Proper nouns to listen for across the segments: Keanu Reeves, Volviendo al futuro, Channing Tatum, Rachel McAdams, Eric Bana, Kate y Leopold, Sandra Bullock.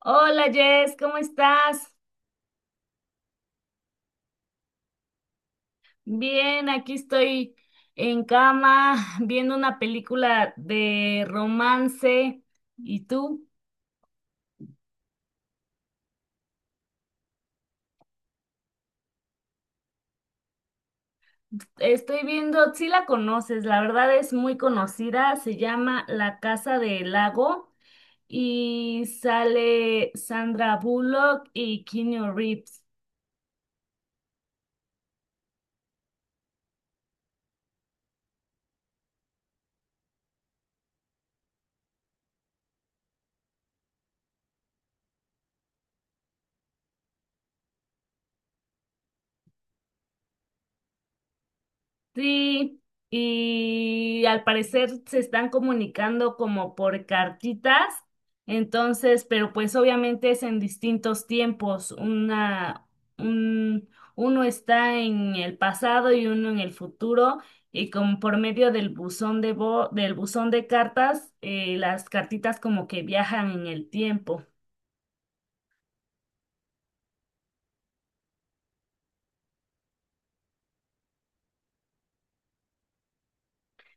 Hola Jess, ¿cómo estás? Bien, aquí estoy en cama viendo una película de romance. ¿Y tú? Estoy viendo, si la conoces, la verdad es muy conocida, se llama La Casa del Lago y sale Sandra Bullock y Keanu Reeves. Sí, y al parecer se están comunicando como por cartitas, entonces, pero pues obviamente es en distintos tiempos. Un, Uno está en el pasado y uno en el futuro, y como por medio del del buzón de cartas, las cartitas como que viajan en el tiempo.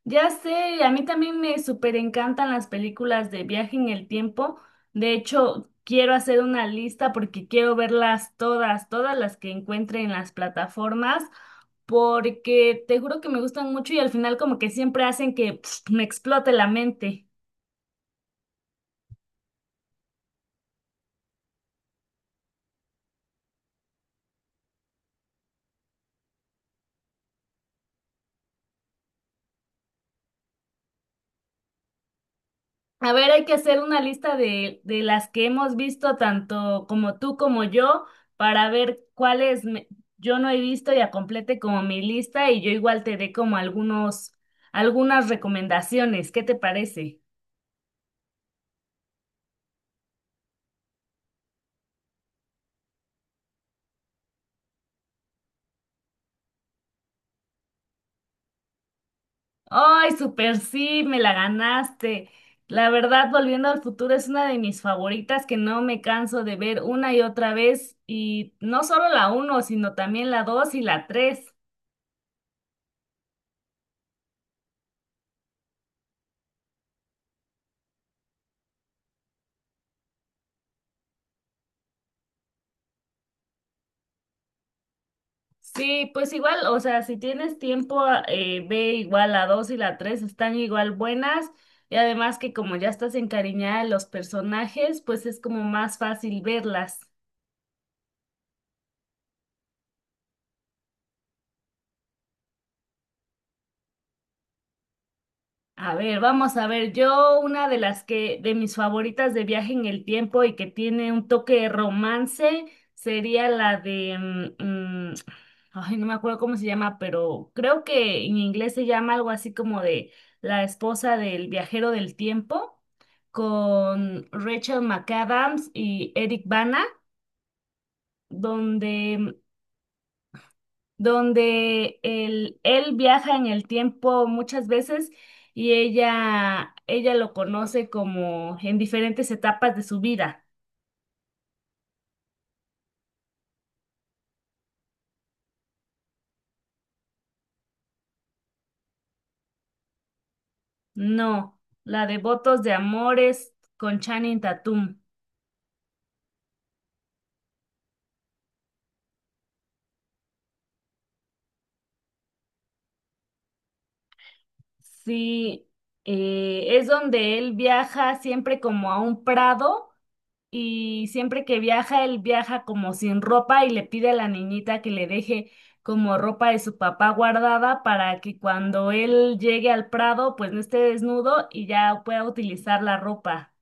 Ya sé, a mí también me súper encantan las películas de viaje en el tiempo. De hecho, quiero hacer una lista porque quiero verlas todas, todas las que encuentre en las plataformas, porque te juro que me gustan mucho y al final como que siempre hacen que pf, me explote la mente. A ver, hay que hacer una lista de las que hemos visto, tanto como tú como yo, para ver yo no he visto y complete como mi lista y yo igual te dé como algunas recomendaciones. ¿Qué te parece? Ay, super sí, me la ganaste. La verdad, Volviendo al futuro es una de mis favoritas que no me canso de ver una y otra vez y no solo la uno, sino también la dos y la tres. Sí, pues igual, o sea, si tienes tiempo, ve igual la 2 y la 3 están igual buenas y además que como ya estás encariñada de los personajes, pues es como más fácil verlas. A ver, vamos a ver. Yo, una de las que, de mis favoritas de viaje en el tiempo y que tiene un toque de romance, sería la de, mm, mm, ay, no me acuerdo cómo se llama, pero creo que en inglés se llama algo así como de La esposa del viajero del tiempo, con Rachel McAdams y Eric Bana, donde donde él viaja en el tiempo muchas veces y ella lo conoce como en diferentes etapas de su vida. No, la de Votos de Amores con Channing Tatum. Sí, es donde él viaja siempre como a un prado y siempre que viaja, él viaja como sin ropa y le pide a la niñita que le deje como ropa de su papá guardada para que cuando él llegue al Prado, pues no esté desnudo y ya pueda utilizar la ropa.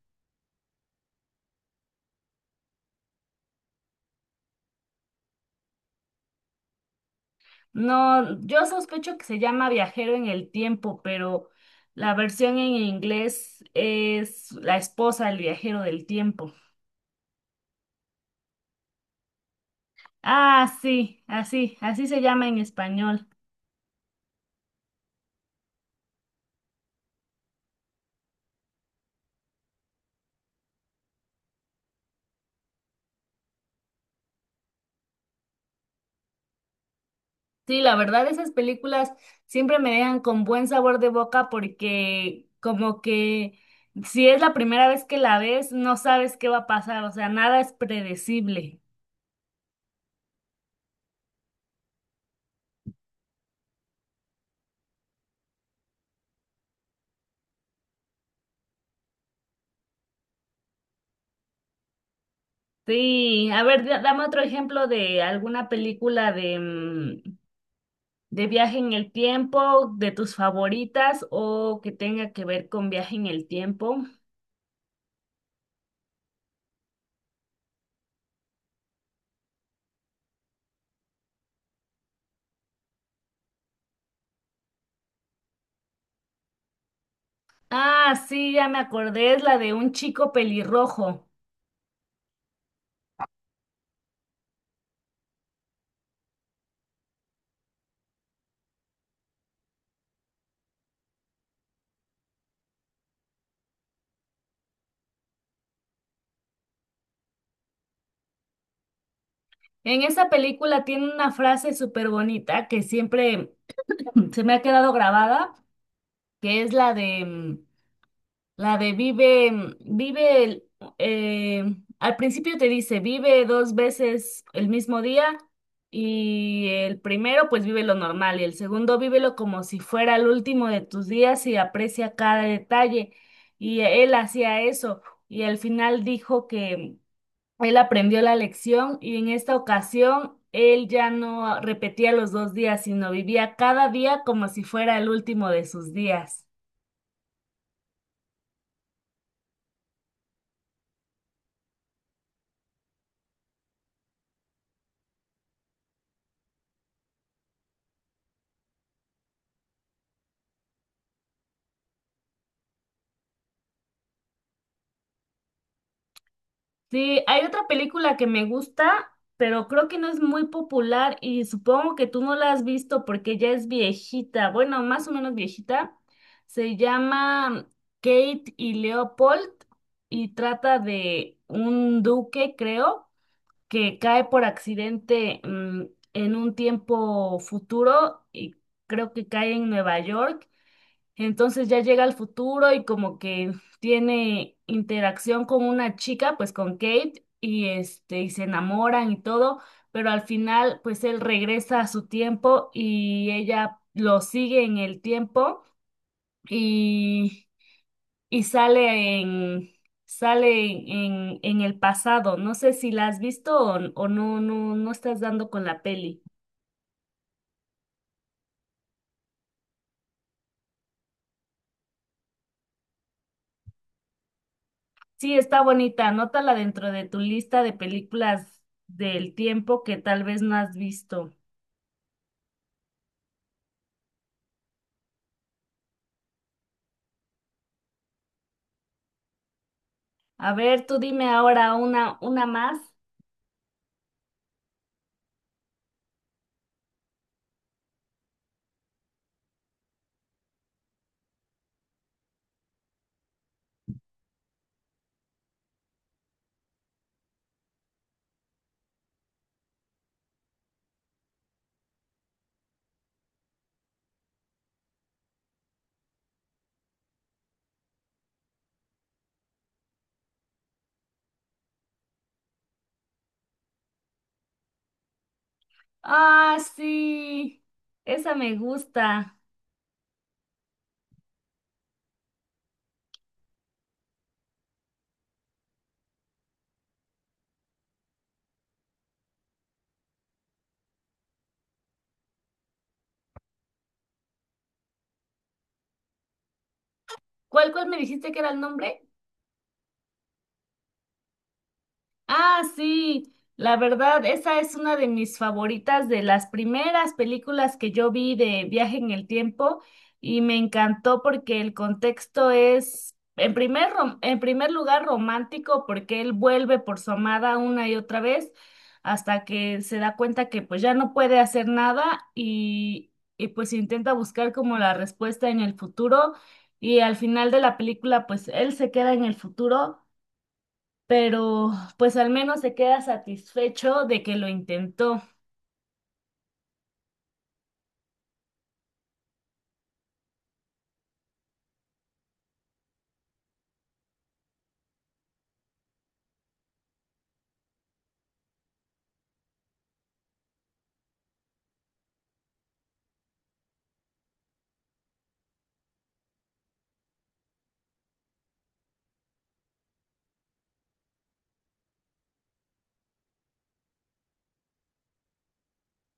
No, yo sospecho que se llama Viajero en el Tiempo, pero la versión en inglés es La esposa del viajero del tiempo. Ah, sí, así, así se llama en español. Sí, la verdad, esas películas siempre me dejan con buen sabor de boca porque como que si es la primera vez que la ves, no sabes qué va a pasar, o sea, nada es predecible. Sí, a ver, dame otro ejemplo de alguna película de viaje en el tiempo, de tus favoritas o que tenga que ver con viaje en el tiempo. Ah, sí, ya me acordé, es la de un chico pelirrojo. En esa película tiene una frase súper bonita que siempre se me ha quedado grabada, que es la de mm, la de vive, mm, vive el- eh, al principio te dice vive dos veces el mismo día y el primero pues vive lo normal y el segundo vívelo como si fuera el último de tus días y aprecia cada detalle y él hacía eso y al final dijo que él aprendió la lección y en esta ocasión él ya no repetía los dos días, sino vivía cada día como si fuera el último de sus días. Sí, hay otra película que me gusta, pero creo que no es muy popular y supongo que tú no la has visto porque ya es viejita, bueno, más o menos viejita. Se llama Kate y Leopold y trata de un duque, creo que cae por accidente en un tiempo futuro y creo que cae en Nueva York. Entonces ya llega al futuro y como que tiene interacción con una chica, pues con Kate, y este, y se enamoran y todo, pero al final, pues él regresa a su tiempo y ella lo sigue en el tiempo. Y y sale en, sale en el pasado. No sé si la has visto o no, no, no estás dando con la peli. Sí, está bonita, anótala dentro de tu lista de películas del tiempo que tal vez no has visto. A ver, tú dime ahora una más. Ah, sí, esa me gusta. ¿Cuál, cuál me dijiste que era el nombre? Ah, sí, la verdad, esa es una de mis favoritas, de las primeras películas que yo vi de Viaje en el Tiempo y me encantó porque el contexto es, en primer lugar, romántico porque él vuelve por su amada una y otra vez hasta que se da cuenta que pues ya no puede hacer nada y pues intenta buscar como la respuesta en el futuro y al final de la película pues él se queda en el futuro pero pues al menos se queda satisfecho de que lo intentó.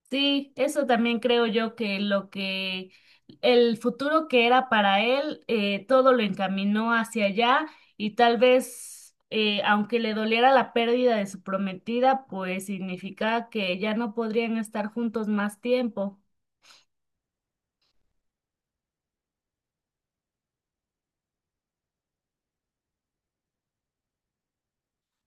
Sí, eso también creo yo que lo que el futuro que era para él, todo lo encaminó hacia allá y tal vez, aunque le doliera la pérdida de su prometida, pues significaba que ya no podrían estar juntos más tiempo.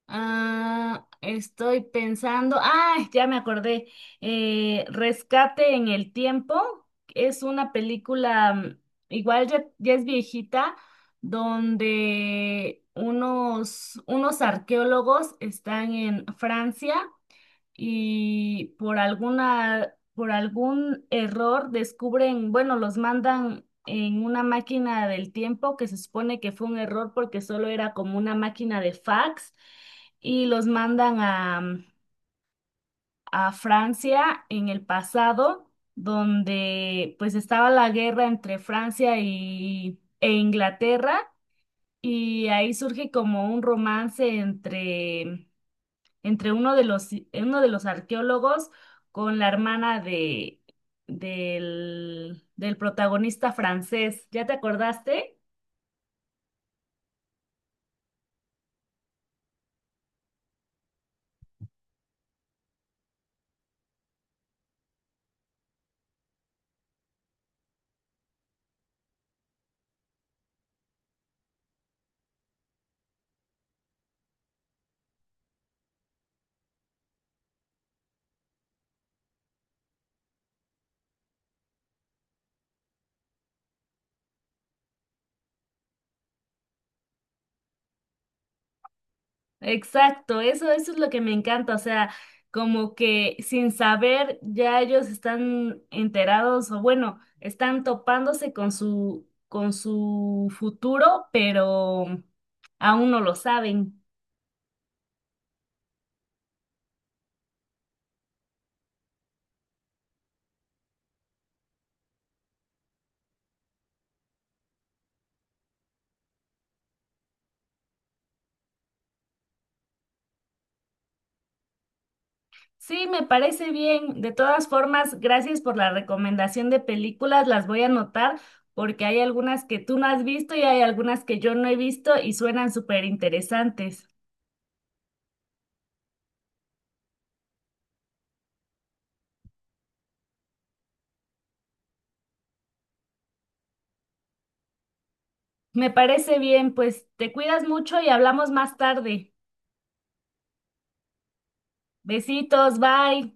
Ah, estoy pensando. Ah, ya me acordé. Rescate en el tiempo es una película, igual ya, ya es viejita, donde unos arqueólogos están en Francia y por por algún error descubren, bueno, los mandan en una máquina del tiempo que se supone que fue un error porque solo era como una máquina de fax y los mandan a Francia en el pasado, donde pues estaba la guerra entre Francia e Inglaterra y ahí surge como un romance entre uno de los arqueólogos con la hermana de, del, del protagonista francés. ¿Ya te acordaste? Exacto, eso es lo que me encanta, o sea, como que sin saber ya ellos están enterados o bueno, están topándose con su futuro, pero aún no lo saben. Sí, me parece bien. De todas formas, gracias por la recomendación de películas. Las voy a anotar porque hay algunas que tú no has visto y hay algunas que yo no he visto y suenan súper interesantes. Me parece bien, pues te cuidas mucho y hablamos más tarde. Besitos, bye.